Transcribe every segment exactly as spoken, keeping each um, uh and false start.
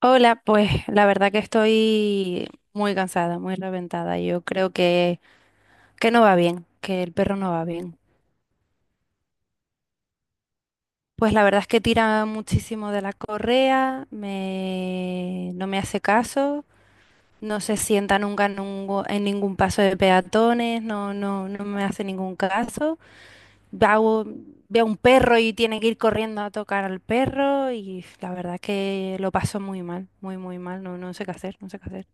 Hola, pues la verdad que estoy muy cansada, muy reventada. Yo creo que, que no va bien, que el perro no va bien. Pues la verdad es que tira muchísimo de la correa, me, no me hace caso, no se sienta nunca en, un- en ningún paso de peatones, no, no, no me hace ningún caso. Veo, veo un perro y tiene que ir corriendo a tocar al perro y la verdad que lo paso muy mal, muy, muy mal, no, no sé qué hacer, no sé qué hacer.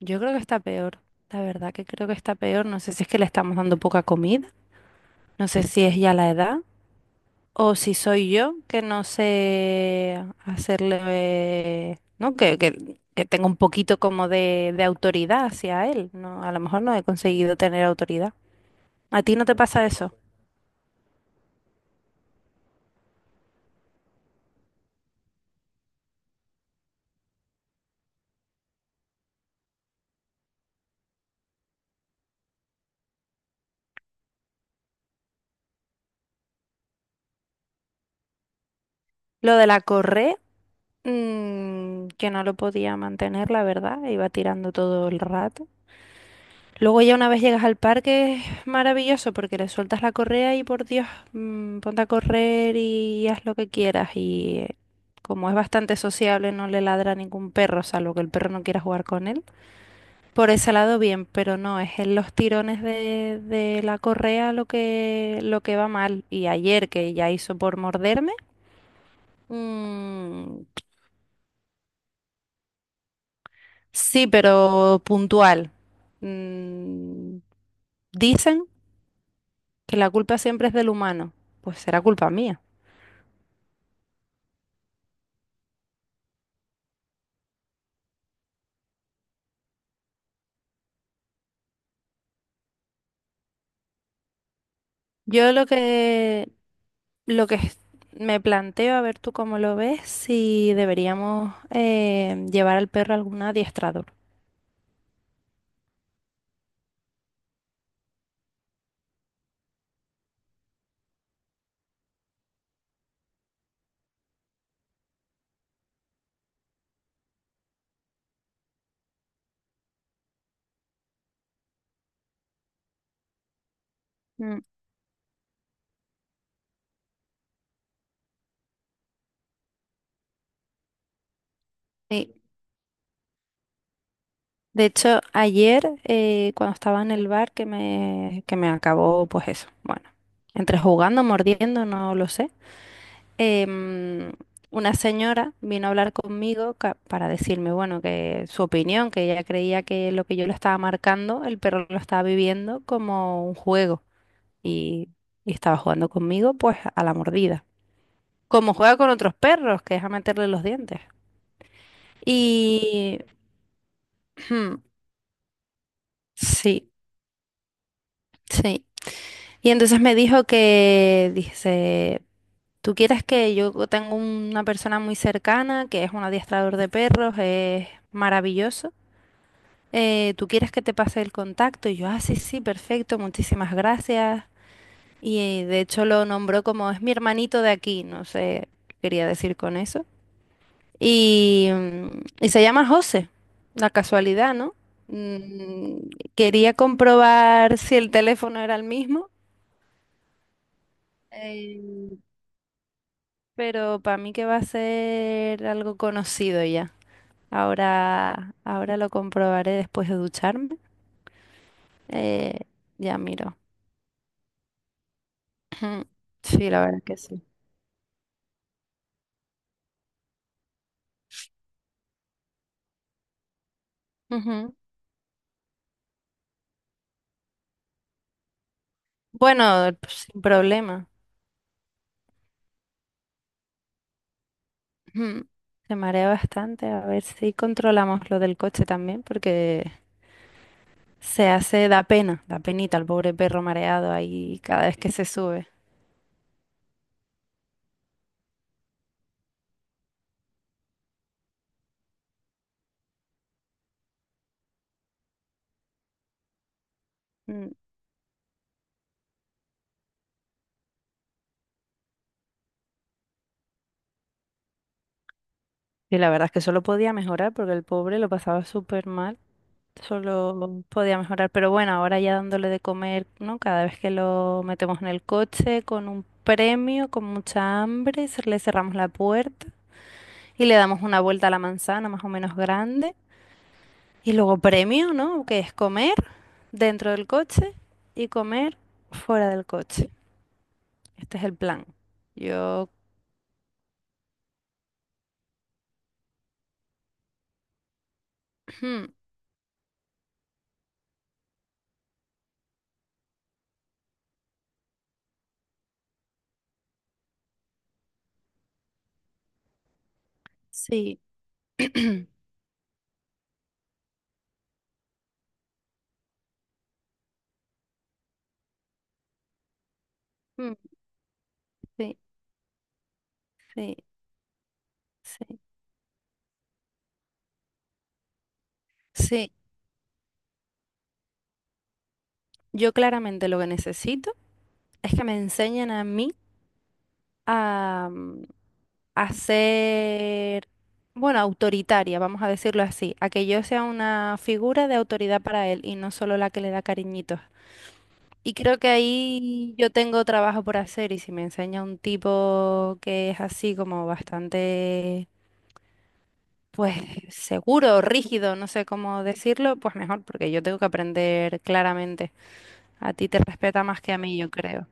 Yo creo que está peor, la verdad que creo que está peor. No sé si es que le estamos dando poca comida, no sé si es ya la edad o si soy yo que no sé hacerle, ¿no? Que, que, que tengo un poquito como de, de autoridad hacia él, ¿no? A lo mejor no he conseguido tener autoridad. ¿A ti no te pasa eso? Lo de la correa, mm, que no lo podía mantener, la verdad, iba tirando todo el rato. Luego ya una vez llegas al parque es maravilloso porque le sueltas la correa y por Dios, mm, ponte a correr y haz lo que quieras. Y eh, como es bastante sociable, no le ladra a ningún perro, salvo que el perro no quiera jugar con él. Por ese lado bien, pero no, es en los tirones de, de la correa lo que, lo que va mal. Y ayer que ya hizo por morderme, mm, sí, pero puntual. Mm, dicen que la culpa siempre es del humano, pues será culpa mía. Yo lo que, lo que es- me planteo, a ver tú cómo lo ves, si deberíamos eh, llevar al perro a algún adiestrador. Mm, sí. De hecho, ayer eh, cuando estaba en el bar que me, que me acabó, pues eso, bueno, entre jugando, mordiendo, no lo sé. em, una señora vino a hablar conmigo ca- para decirme, bueno, que su opinión, que ella creía que lo que yo le estaba marcando, el perro lo estaba viviendo como un juego y, y estaba jugando conmigo pues a la mordida, como juega con otros perros, que es a meterle los dientes. Y sí, sí. Y entonces me dijo que, dice, tú quieres que yo tengo una persona muy cercana, que es un adiestrador de perros, es maravilloso, eh, ¿tú quieres que te pase el contacto? Y yo, ah, sí, sí, perfecto, muchísimas gracias. Y eh, de hecho lo nombró como es mi hermanito de aquí, no sé qué quería decir con eso. Y, mm, y se llama José, la casualidad, ¿no? Mm, quería comprobar si el teléfono era el mismo, eh, pero para mí que va a ser algo conocido ya. Ahora, ahora lo comprobaré después de ducharme. eh, ya miro. Ujú. Sí, la verdad que sí. Ujú. Bueno, pues, sin problema. Ujú. Se marea bastante. A ver si controlamos lo del coche también, porque se hace, da pena, da penita al pobre perro mareado ahí cada vez que se sube. Mm. Y la verdad es que solo podía mejorar, porque el pobre lo pasaba súper mal. Solo podía mejorar. Pero bueno, ahora ya dándole de comer, ¿no? Cada vez que lo metemos en el coche con un premio, con mucha hambre, se- le cerramos la puerta y le damos una vuelta a la manzana más o menos grande. Y luego premio, ¿no? Que es comer dentro del coche y comer fuera del coche. Este es el plan. Yo... Sí. Mm, sí, sí, sí. Sí, yo claramente lo que necesito es que me enseñen a mí a, mm, a ser, bueno, autoritaria, vamos a decirlo así, a que yo sea una figura de autoridad para él y no solo la que le da cariñitos. Y creo que ahí yo tengo trabajo por hacer y si me enseña un tipo que es así como bastante, pues seguro, rígido, no sé cómo decirlo, pues mejor, porque yo tengo que aprender claramente. A ti te respeta más que a mí, yo creo.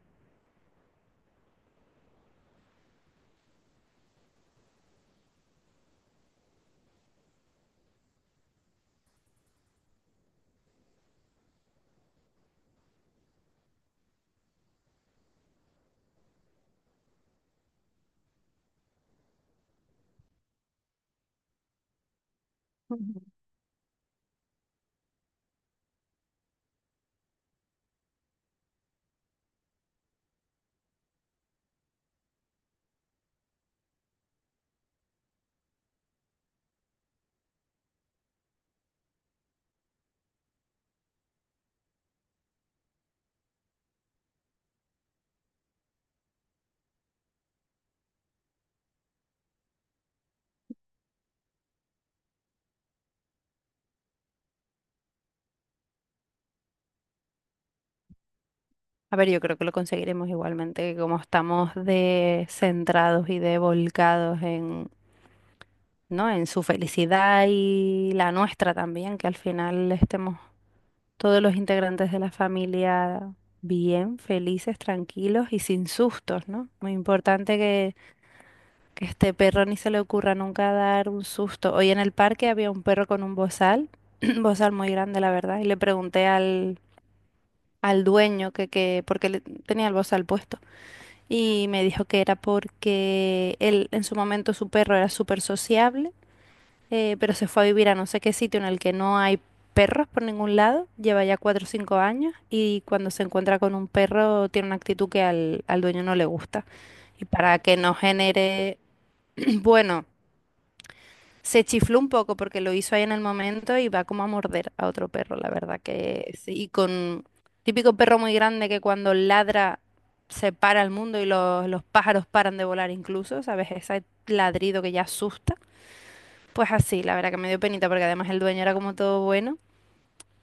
Ujú. A ver, yo creo que lo conseguiremos igualmente, que como estamos de centrados y de volcados en, ¿no? En su felicidad y la nuestra también, que al final estemos todos los integrantes de la familia bien, felices, tranquilos y sin sustos, ¿no? Muy importante que, que este perro ni se le ocurra nunca dar un susto. Hoy en el parque había un perro con un bozal, un bozal muy grande, la verdad, y le pregunté al, al dueño que, que, porque le, tenía el bozal puesto. Y me dijo que era porque él en su momento su perro era súper sociable, eh, pero se fue a vivir a no sé qué sitio en el que no hay perros por ningún lado, lleva ya cuatro o cinco años y cuando se encuentra con un perro tiene una actitud que al, al dueño no le gusta. Y para que no genere, bueno, se chifló un poco porque lo hizo ahí en el momento y va como a morder a otro perro, la verdad que sí. Y con típico perro muy grande que cuando ladra se para el mundo y los, los pájaros paran de volar incluso, ¿sabes? Ese ladrido que ya asusta. Pues así, la verdad que me dio penita porque además el dueño era como todo bueno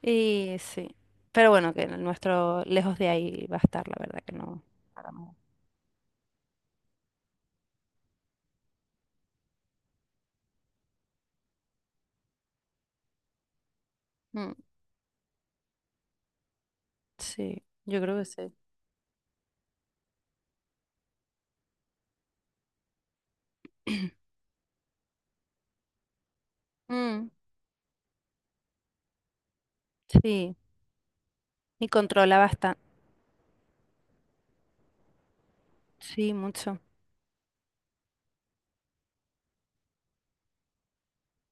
y sí. Pero bueno, que el nuestro lejos de ahí va a estar, la verdad que no, para nada. Mm, sí, yo creo que sí. Mm, sí, y controla bastante. Sí, mucho.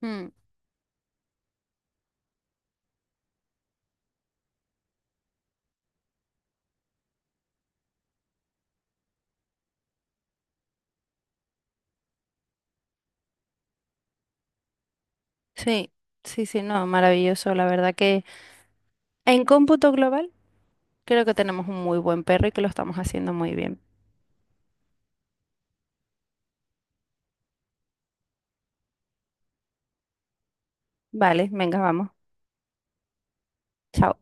Mm, sí, sí, sí, no, maravilloso. La verdad que en cómputo global creo que tenemos un muy buen perro y que lo estamos haciendo muy bien. Vale, venga, vamos. Chao.